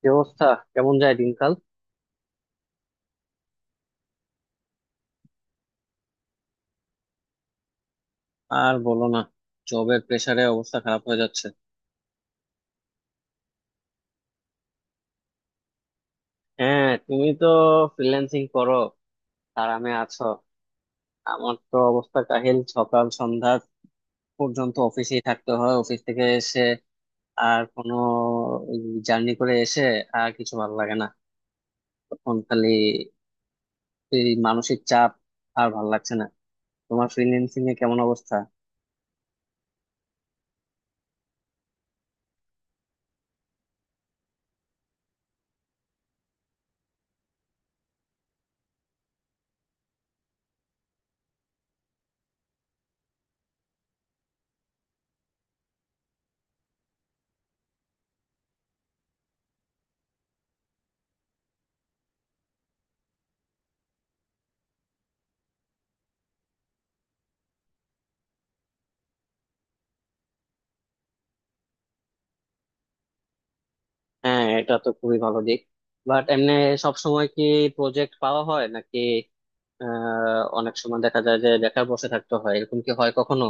কি অবস্থা? কেমন যায় দিনকাল? আর বলো না, জবের প্রেসারে অবস্থা খারাপ হয়ে যাচ্ছে। হ্যাঁ, তুমি তো ফ্রিল্যান্সিং করো, আরামে আছো। আমার তো অবস্থা কাহিল, সকাল সন্ধ্যা পর্যন্ত অফিসেই থাকতে হয়। অফিস থেকে এসে আর কোনো জার্নি করে এসে আর কিছু ভালো লাগে না। তখন খালি এই মানসিক চাপ, আর ভালো লাগছে না। তোমার ফ্রিল্যান্সিং এ কেমন অবস্থা? হ্যাঁ, এটা তো খুবই ভালো দিক, বাট এমনি সব সময় কি প্রজেক্ট পাওয়া হয় নাকি? অনেক সময় দেখা যায় যে বেকার বসে থাকতে হয়, এরকম কি হয় কখনো?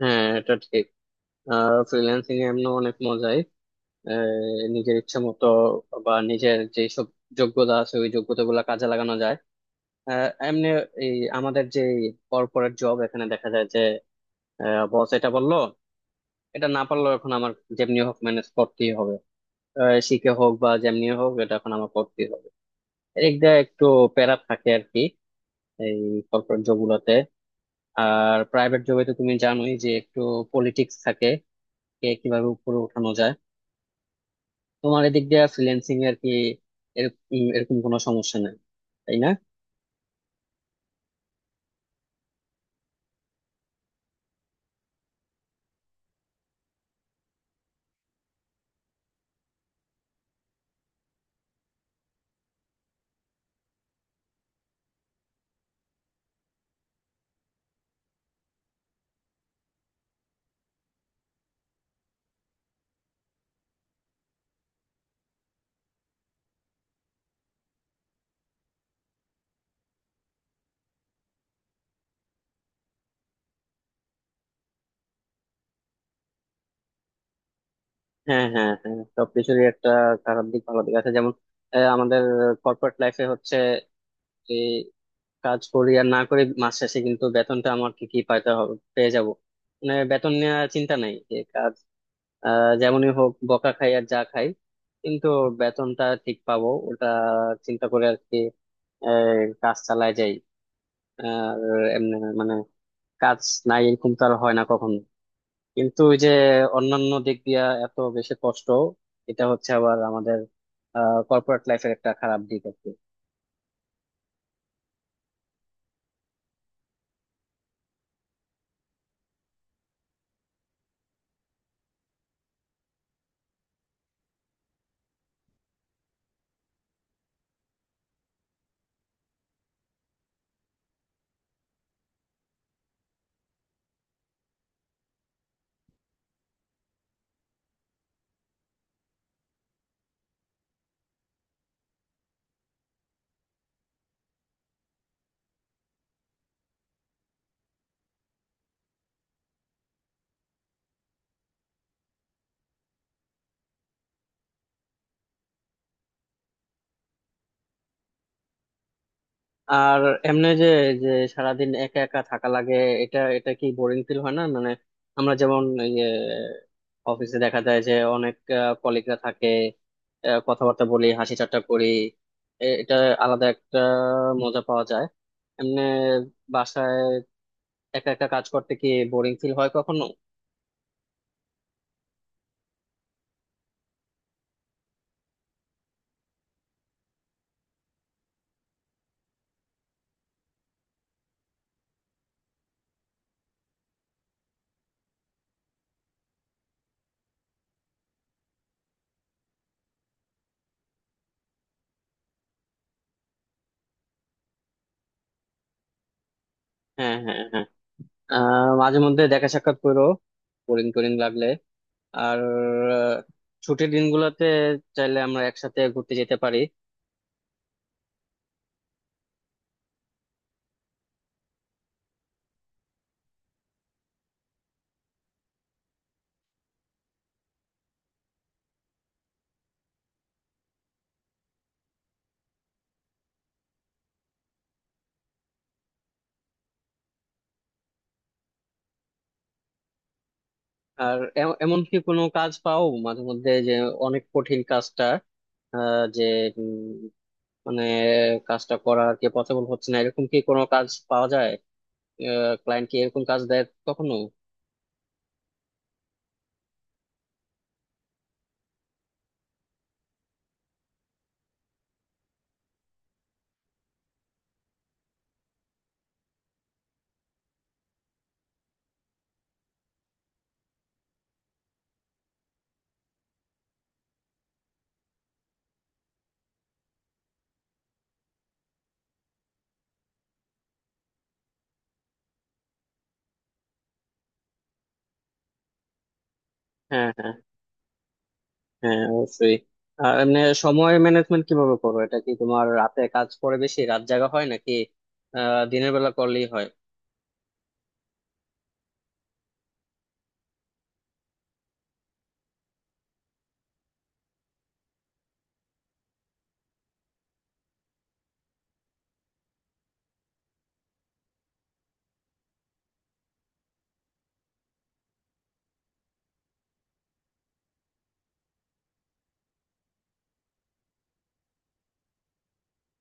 হ্যাঁ, এটা ঠিক। ফ্রিল্যান্সিং এ এমন অনেক মজাই। আহ, নিজের ইচ্ছে মতো বা নিজের যেসব যোগ্যতা আছে ওই যোগ্যতা গুলা কাজে লাগানো যায়। এমনি এই আমাদের যে কর্পোরেট জব, এখানে দেখা যায় যে বস এটা বললো, এটা না পারলেও এখন আমার যেমনি হোক ম্যানেজ করতেই হবে। শিখে হোক বা যেমনি হোক, এটা এখন আমার করতেই হবে। এদিক দিয়ে একটু প্যারা থাকে আর কি এই কর্পোরেট জব গুলাতে। আর প্রাইভেট জবে তো তুমি জানোই যে একটু পলিটিক্স থাকে, কে কিভাবে উপরে উঠানো যায়। তোমার এদিক দিয়ে ফ্রিল্যান্সিং এর কি এরকম এরকম কোনো সমস্যা নেই, তাই না? হ্যাঁ, হ্যাঁ, হ্যাঁ, সবকিছুরই একটা খারাপ দিক ভালো দিক আছে। যেমন আমাদের কর্পোরেট লাইফে হচ্ছে যে কাজ করি আর না করি, মাস শেষে কিন্তু বেতনটা আমার কি কি পাইতে হবে পেয়ে যাব। মানে বেতন নেওয়ার চিন্তা নাই, যে কাজ যেমনই হোক, বকা খাই আর যা খাই, কিন্তু বেতনটা ঠিক পাবো, ওটা চিন্তা করে আর কি এই কাজ চালায় যাই। আর এমনি মানে কাজ নাই এরকম তো আর হয় না কখনো। কিন্তু ওই যে অন্যান্য দিক দিয়া এত বেশি কষ্ট, এটা হচ্ছে আবার আমাদের কর্পোরেট লাইফের একটা খারাপ দিক আছে। আর এমনি যে যে সারাদিন একা একা থাকা লাগে, এটা এটা কি বোরিং ফিল হয় না? মানে আমরা যেমন এই যে অফিসে দেখা যায় যে অনেক কলিগরা থাকে, কথাবার্তা বলি, হাসি ঠাট্টা করি, এটা আলাদা একটা মজা পাওয়া যায়। এমনি বাসায় একা একা কাজ করতে কি বোরিং ফিল হয় কখনো? হ্যাঁ, হ্যাঁ, হ্যাঁ, মাঝে মধ্যে দেখা সাক্ষাৎ করো বোরিং টোরিং লাগলে। আর আহ, ছুটির দিনগুলোতে চাইলে আমরা একসাথে ঘুরতে যেতে পারি। আর এমনকি কোনো কাজ পাও মাঝে মধ্যে যে অনেক কঠিন কাজটা, আহ, যে উম, মানে কাজটা করা আর কি পসিবল হচ্ছে না, এরকম কি কোনো কাজ পাওয়া যায়? ক্লায়েন্ট কি এরকম কাজ দেয় কখনো? হ্যাঁ, হ্যাঁ, হ্যাঁ, অবশ্যই। আর এমনি সময় ম্যানেজমেন্ট কিভাবে করো? এটা কি তোমার রাতে কাজ করে বেশি, রাত জাগা হয় নাকি দিনের বেলা করলেই হয়?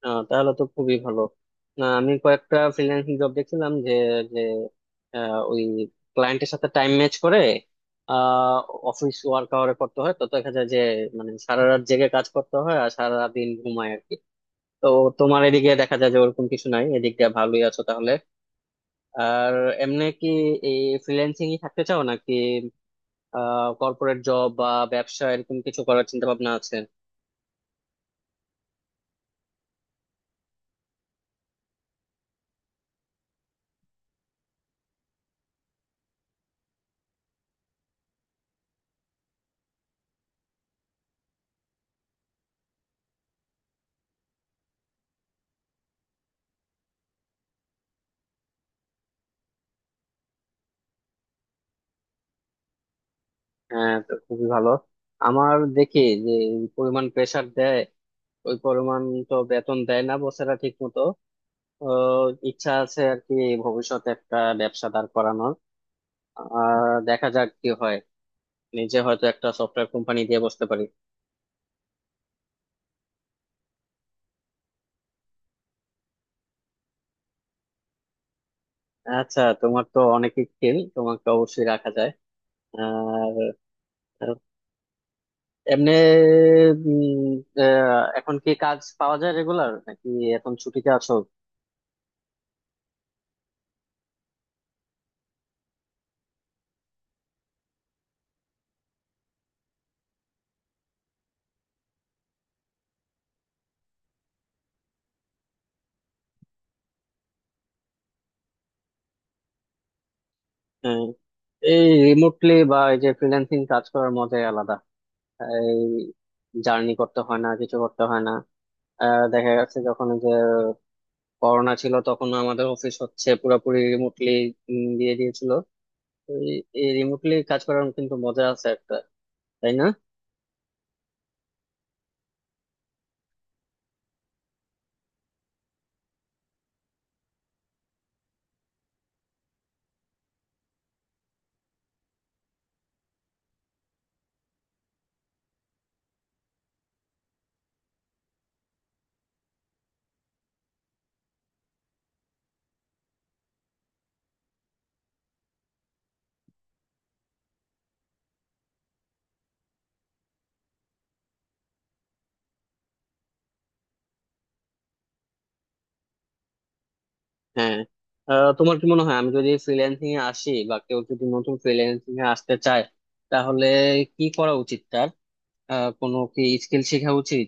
তাহলে তো খুবই ভালো। না, আমি কয়েকটা ফ্রিল্যান্সিং জব দেখছিলাম যে যে আহ, ওই ক্লায়েন্টের সাথে টাইম ম্যাচ করে অফিস ওয়ার্ক আওয়ারে করতে হয়, তো দেখা যায় যে মানে সারা রাত জেগে কাজ করতে হয় আর সারা দিন ঘুমায় আর কি। তো তোমার এদিকে দেখা যায় যে ওরকম কিছু নাই, এদিক দিয়ে ভালোই আছো তাহলে। আর এমনি কি এই ফ্রিল্যান্সিং থাকতে চাও নাকি কর্পোরেট জব বা ব্যবসা এরকম কিছু করার চিন্তা ভাবনা আছে? হ্যাঁ, তো খুবই ভালো। আমার দেখি যে এই পরিমাণ প্রেসার দেয়, ওই পরিমাণ তো বেতন দেয় না বসেরা ঠিক মতো। ইচ্ছা আছে আর কি ভবিষ্যতে একটা ব্যবসা দাঁড় করানোর, আর দেখা যাক কি হয়, নিজে হয়তো একটা সফটওয়্যার কোম্পানি দিয়ে বসতে পারি। আচ্ছা, তোমার তো অনেক স্কিল, তোমাকে অবশ্যই রাখা যায়। আর এমনি উম, এখন কি কাজ পাওয়া যায় রেগুলার নাকি এখন ছুটিতে আছো? উম, এই রিমোটলি বা এই যে ফ্রিল্যান্সিং কাজ করার মজাই আলাদা। এই জার্নি করতে হয় না, কিছু করতে হয় না। দেখা যাচ্ছে যখন এই যে করোনা ছিল তখন আমাদের অফিস হচ্ছে পুরোপুরি রিমোটলি দিয়ে দিয়েছিল। তো এই এই রিমোটলি কাজ করার কিন্তু মজা আছে একটা, তাই না? হ্যাঁ, তোমার কি মনে হয় আমি যদি ফ্রিল্যান্সিং এ আসি বা কেউ যদি নতুন ফ্রিল্যান্সিং এ আসতে চায়, তাহলে কি করা উচিত তার? কোনো কি স্কিল শেখা উচিত?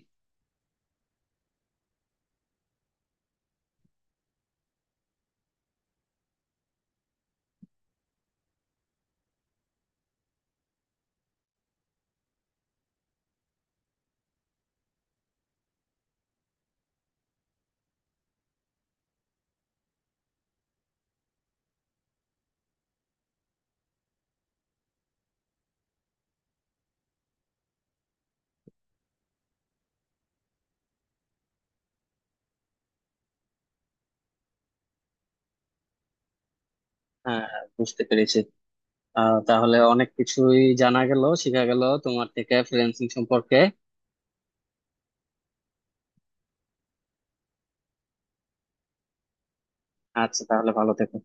হ্যাঁ, বুঝতে পেরেছি। তাহলে অনেক কিছুই জানা গেল, শেখা গেল তোমার থেকে ফ্রিল্যান্সিং সম্পর্কে। আচ্ছা, তাহলে ভালো থেকো।